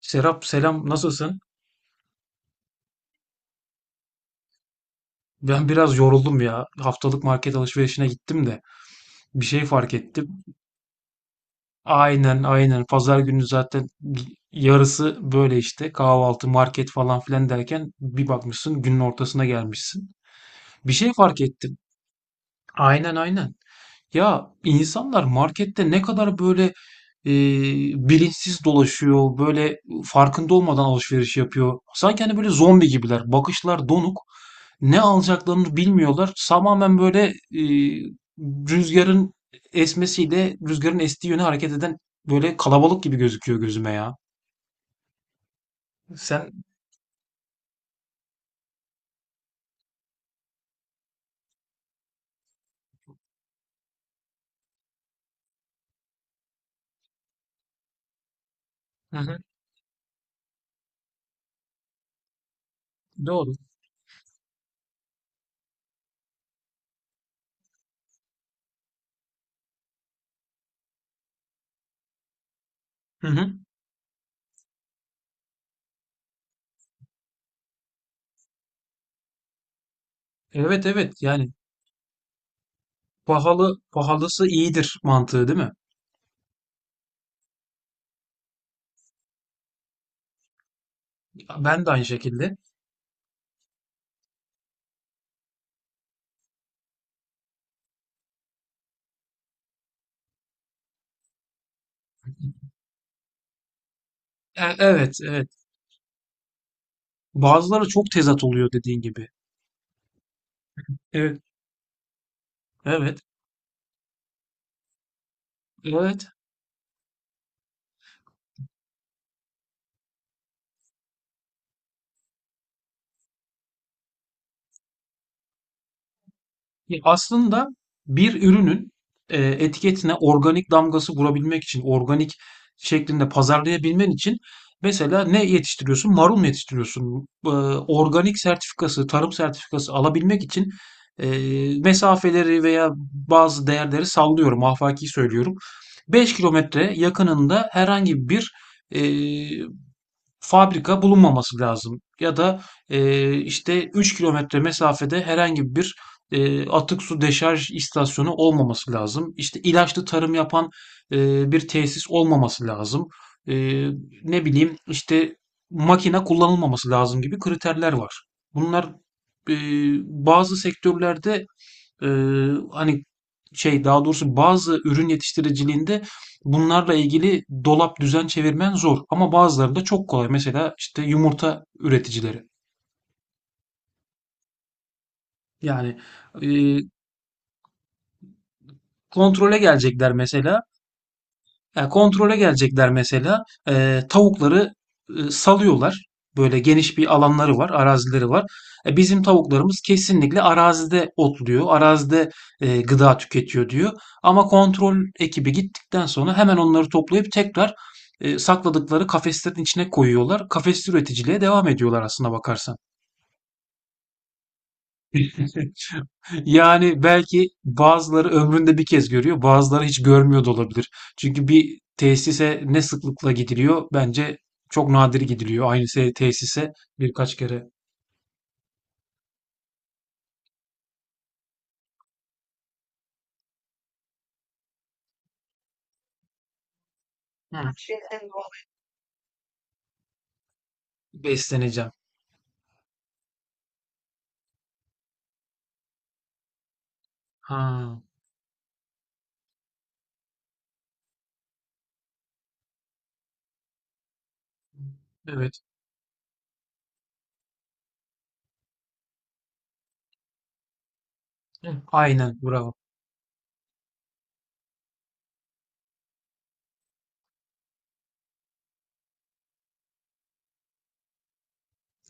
Serap, selam, nasılsın? Ben biraz yoruldum ya. Haftalık market alışverişine gittim de bir şey fark ettim. Aynen aynen, pazar günü zaten yarısı böyle işte kahvaltı, market falan filan derken bir bakmışsın günün ortasına gelmişsin. Bir şey fark ettim. Aynen aynen. Ya insanlar markette ne kadar böyle e, bilinçsiz dolaşıyor, böyle farkında olmadan alışveriş yapıyor. Sanki hani böyle zombi gibiler. Bakışlar donuk. Ne alacaklarını bilmiyorlar. Tamamen böyle e, rüzgarın esmesiyle rüzgarın estiği yöne hareket eden böyle kalabalık gibi gözüküyor gözüme ya. Sen Hı hı, doğru. Hı hı. Evet evet, yani pahalı pahalısı iyidir mantığı, değil mi? Ben de aynı şekilde. Evet, evet. Bazıları çok tezat oluyor, dediğin gibi. Evet. Evet. Evet. Ya aslında bir ürünün etiketine organik damgası vurabilmek için, organik şeklinde pazarlayabilmen için mesela ne yetiştiriyorsun? Marul mu yetiştiriyorsun? Organik sertifikası, tarım sertifikası alabilmek için e, mesafeleri veya bazı değerleri sallıyorum, afaki söylüyorum. 5 kilometre yakınında herhangi bir e, fabrika bulunmaması lazım. Ya da işte 3 kilometre mesafede herhangi bir atık su deşarj istasyonu olmaması lazım. İşte ilaçlı tarım yapan bir tesis olmaması lazım. E, Ne bileyim işte makine kullanılmaması lazım gibi kriterler var. Bunlar e, bazı sektörlerde hani şey, daha doğrusu bazı ürün yetiştiriciliğinde bunlarla ilgili dolap düzen çevirmen zor, ama bazıları da çok kolay. Mesela işte yumurta üreticileri. Yani eee, kontrole gelecekler mesela. Yani kontrole gelecekler mesela. Tavukları salıyorlar. Böyle geniş bir alanları var, arazileri var. Bizim tavuklarımız kesinlikle arazide otluyor, arazide gıda tüketiyor, diyor. Ama kontrol ekibi gittikten sonra hemen onları toplayıp tekrar sakladıkları kafeslerin içine koyuyorlar. Kafes üreticiliğe devam ediyorlar aslına bakarsan. Yani belki bazıları ömründe bir kez görüyor, bazıları hiç görmüyor da olabilir. Çünkü bir tesise ne sıklıkla gidiliyor? Bence çok nadir gidiliyor, aynı tesise birkaç kere. Hı. Besleneceğim. Ha. Evet. Hı. Aynen, bravo.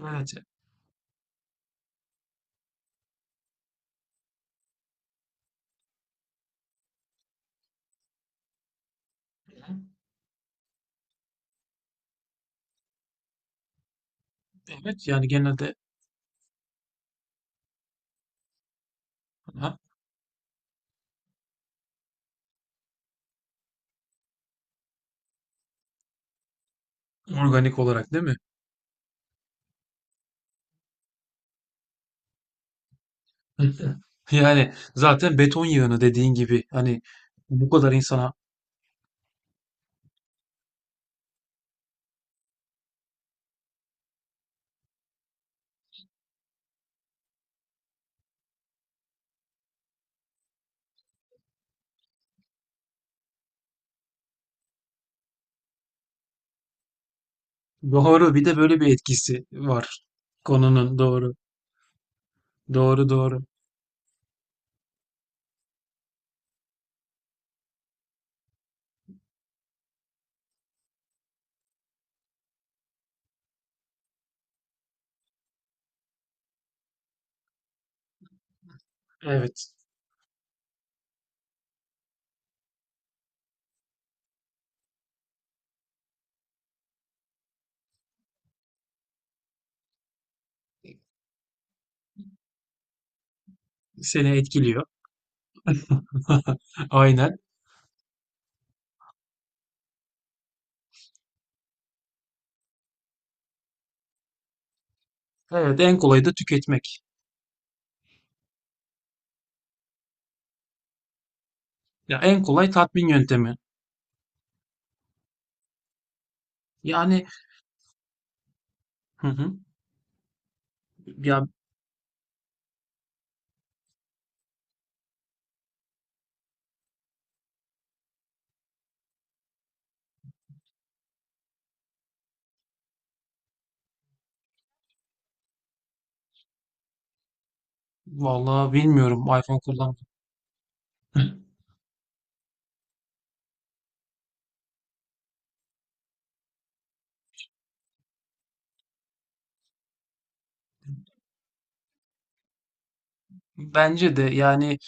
Evet. Evet yani genelde, ha, organik olarak değil mi? Hı hı. Yani zaten beton yığını dediğin gibi, hani bu kadar insana. Doğru. Bir de böyle bir etkisi var konunun. Doğru. Doğru doğru. Evet. Seni etkiliyor. Aynen. Evet. En kolayı da tüketmek. Ya en kolay tatmin yöntemi. Yani, hı hı. Ya vallahi bilmiyorum iPhone kullanmak. Bence de, yani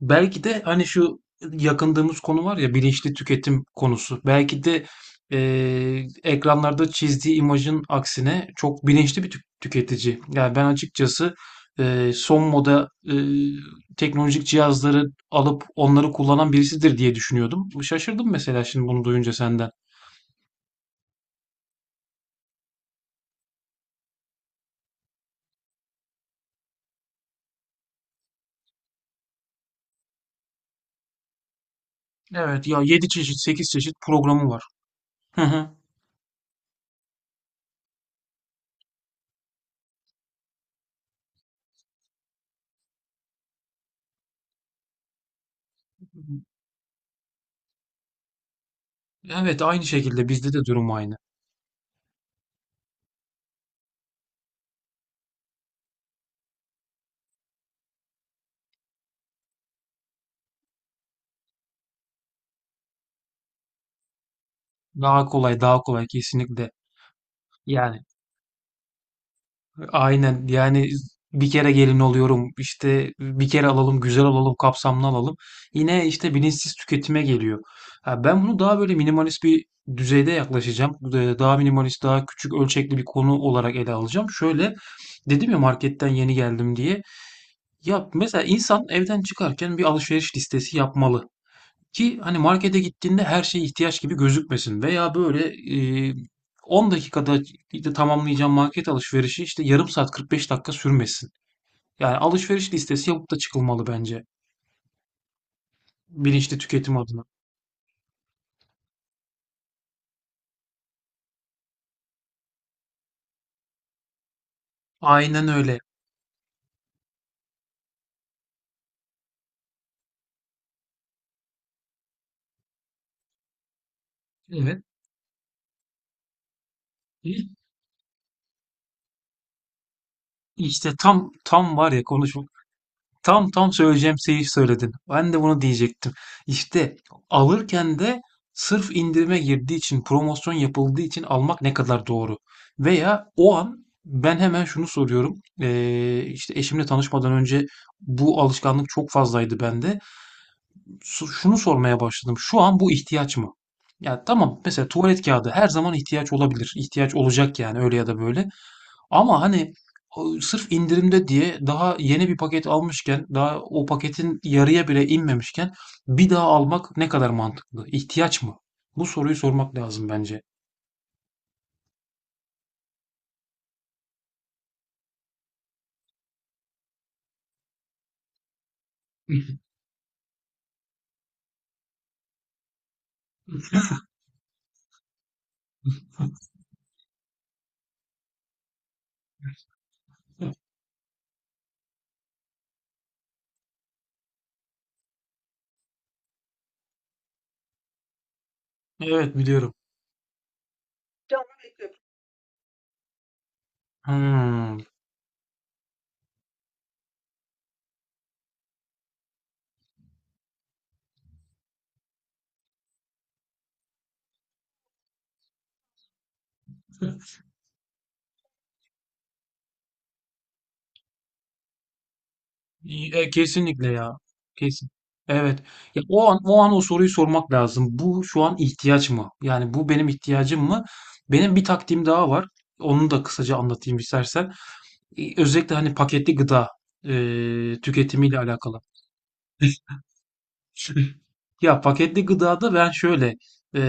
belki de hani şu yakındığımız konu var ya, bilinçli tüketim konusu. Belki de ekranlarda çizdiği imajın aksine çok bilinçli bir tüketici. Yani ben açıkçası son moda teknolojik cihazları alıp onları kullanan birisidir diye düşünüyordum. Şaşırdım mesela şimdi bunu duyunca senden. Evet ya, 7 çeşit 8 çeşit programı var. Hı hı. Evet, aynı şekilde bizde de durum aynı. Daha kolay, daha kolay, kesinlikle. Yani aynen, yani bir kere gelin oluyorum, işte bir kere alalım, güzel alalım, kapsamlı alalım. Yine işte bilinçsiz tüketime geliyor. Ha, ben bunu daha böyle minimalist bir düzeyde yaklaşacağım. Daha minimalist, daha küçük ölçekli bir konu olarak ele alacağım. Şöyle dedim ya, marketten yeni geldim diye. Ya mesela insan evden çıkarken bir alışveriş listesi yapmalı. Ki hani markete gittiğinde her şey ihtiyaç gibi gözükmesin veya böyle, 10 dakikada işte tamamlayacağım market alışverişi işte yarım saat, 45 dakika sürmesin. Yani alışveriş listesi yapıp da çıkılmalı bence, bilinçli tüketim adına. Aynen öyle. Evet. İşte tam tam var ya, tam tam söyleyeceğim şeyi söyledin. Ben de bunu diyecektim. İşte alırken de sırf indirime girdiği için, promosyon yapıldığı için almak ne kadar doğru? Veya o an ben hemen şunu soruyorum. İşte eşimle tanışmadan önce bu alışkanlık çok fazlaydı bende. Şunu sormaya başladım. Şu an bu ihtiyaç mı? Ya tamam, mesela tuvalet kağıdı her zaman ihtiyaç olabilir. İhtiyaç olacak yani, öyle ya da böyle. Ama hani o sırf indirimde diye daha yeni bir paket almışken, daha o paketin yarıya bile inmemişken bir daha almak ne kadar mantıklı? İhtiyaç mı? Bu soruyu sormak lazım bence. Evet biliyorum. Hmm. İyi, kesinlikle ya. Kesin. Evet. Ya o an, o an o soruyu sormak lazım. Bu şu an ihtiyaç mı? Yani bu benim ihtiyacım mı? Benim bir taktiğim daha var. Onu da kısaca anlatayım istersen. Özellikle hani paketli gıda e, tüketimiyle alakalı. Ya paketli gıdada ben şöyle e,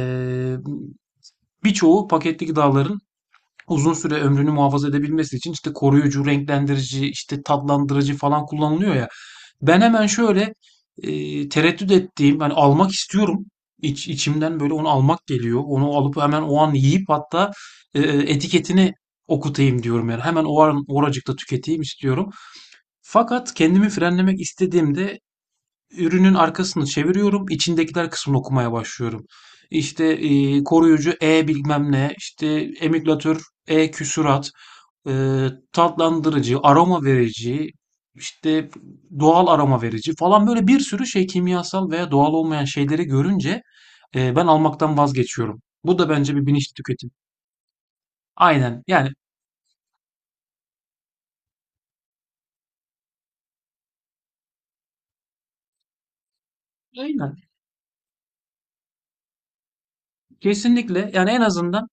birçoğu paketli gıdaların uzun süre ömrünü muhafaza edebilmesi için işte koruyucu, renklendirici, işte tatlandırıcı falan kullanılıyor ya. Ben hemen şöyle tereddüt ettiğim, hani almak istiyorum. İç, içimden böyle onu almak geliyor. Onu alıp hemen o an yiyip, hatta etiketini okutayım diyorum yani. Hemen o an oracıkta tüketeyim istiyorum. Fakat kendimi frenlemek istediğimde ürünün arkasını çeviriyorum, içindekiler kısmını okumaya başlıyorum. İşte, koruyucu E bilmem ne, işte emülgatör E küsurat, tatlandırıcı, aroma verici, işte doğal aroma verici falan, böyle bir sürü şey, kimyasal veya doğal olmayan şeyleri görünce, ben almaktan vazgeçiyorum. Bu da bence bir bilinçli tüketim. Aynen, yani aynen. Kesinlikle. Yani en azından.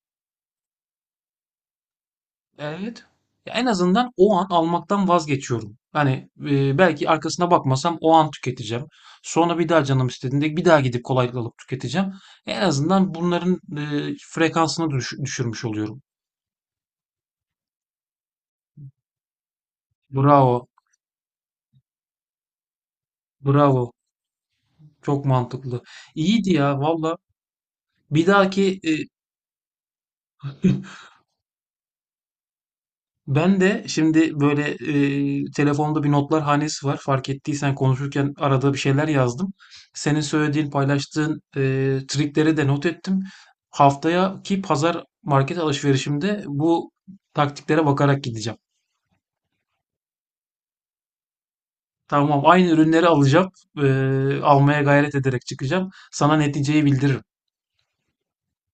Evet. Ya en azından o an almaktan vazgeçiyorum. Hani belki arkasına bakmasam o an tüketeceğim. Sonra bir daha canım istediğinde bir daha gidip kolaylıkla alıp tüketeceğim. En azından bunların frekansını düşürmüş oluyorum. Bravo. Bravo. Çok mantıklı. İyiydi ya valla. Bir dahaki. Ben de şimdi böyle telefonda bir notlar hanesi var. Fark ettiysen konuşurken arada bir şeyler yazdım. Senin söylediğin, paylaştığın trikleri de not ettim. Haftayaki pazar market alışverişimde bu taktiklere bakarak gideceğim. Tamam, aynı ürünleri alacağım. E, Almaya gayret ederek çıkacağım. Sana neticeyi bildiririm.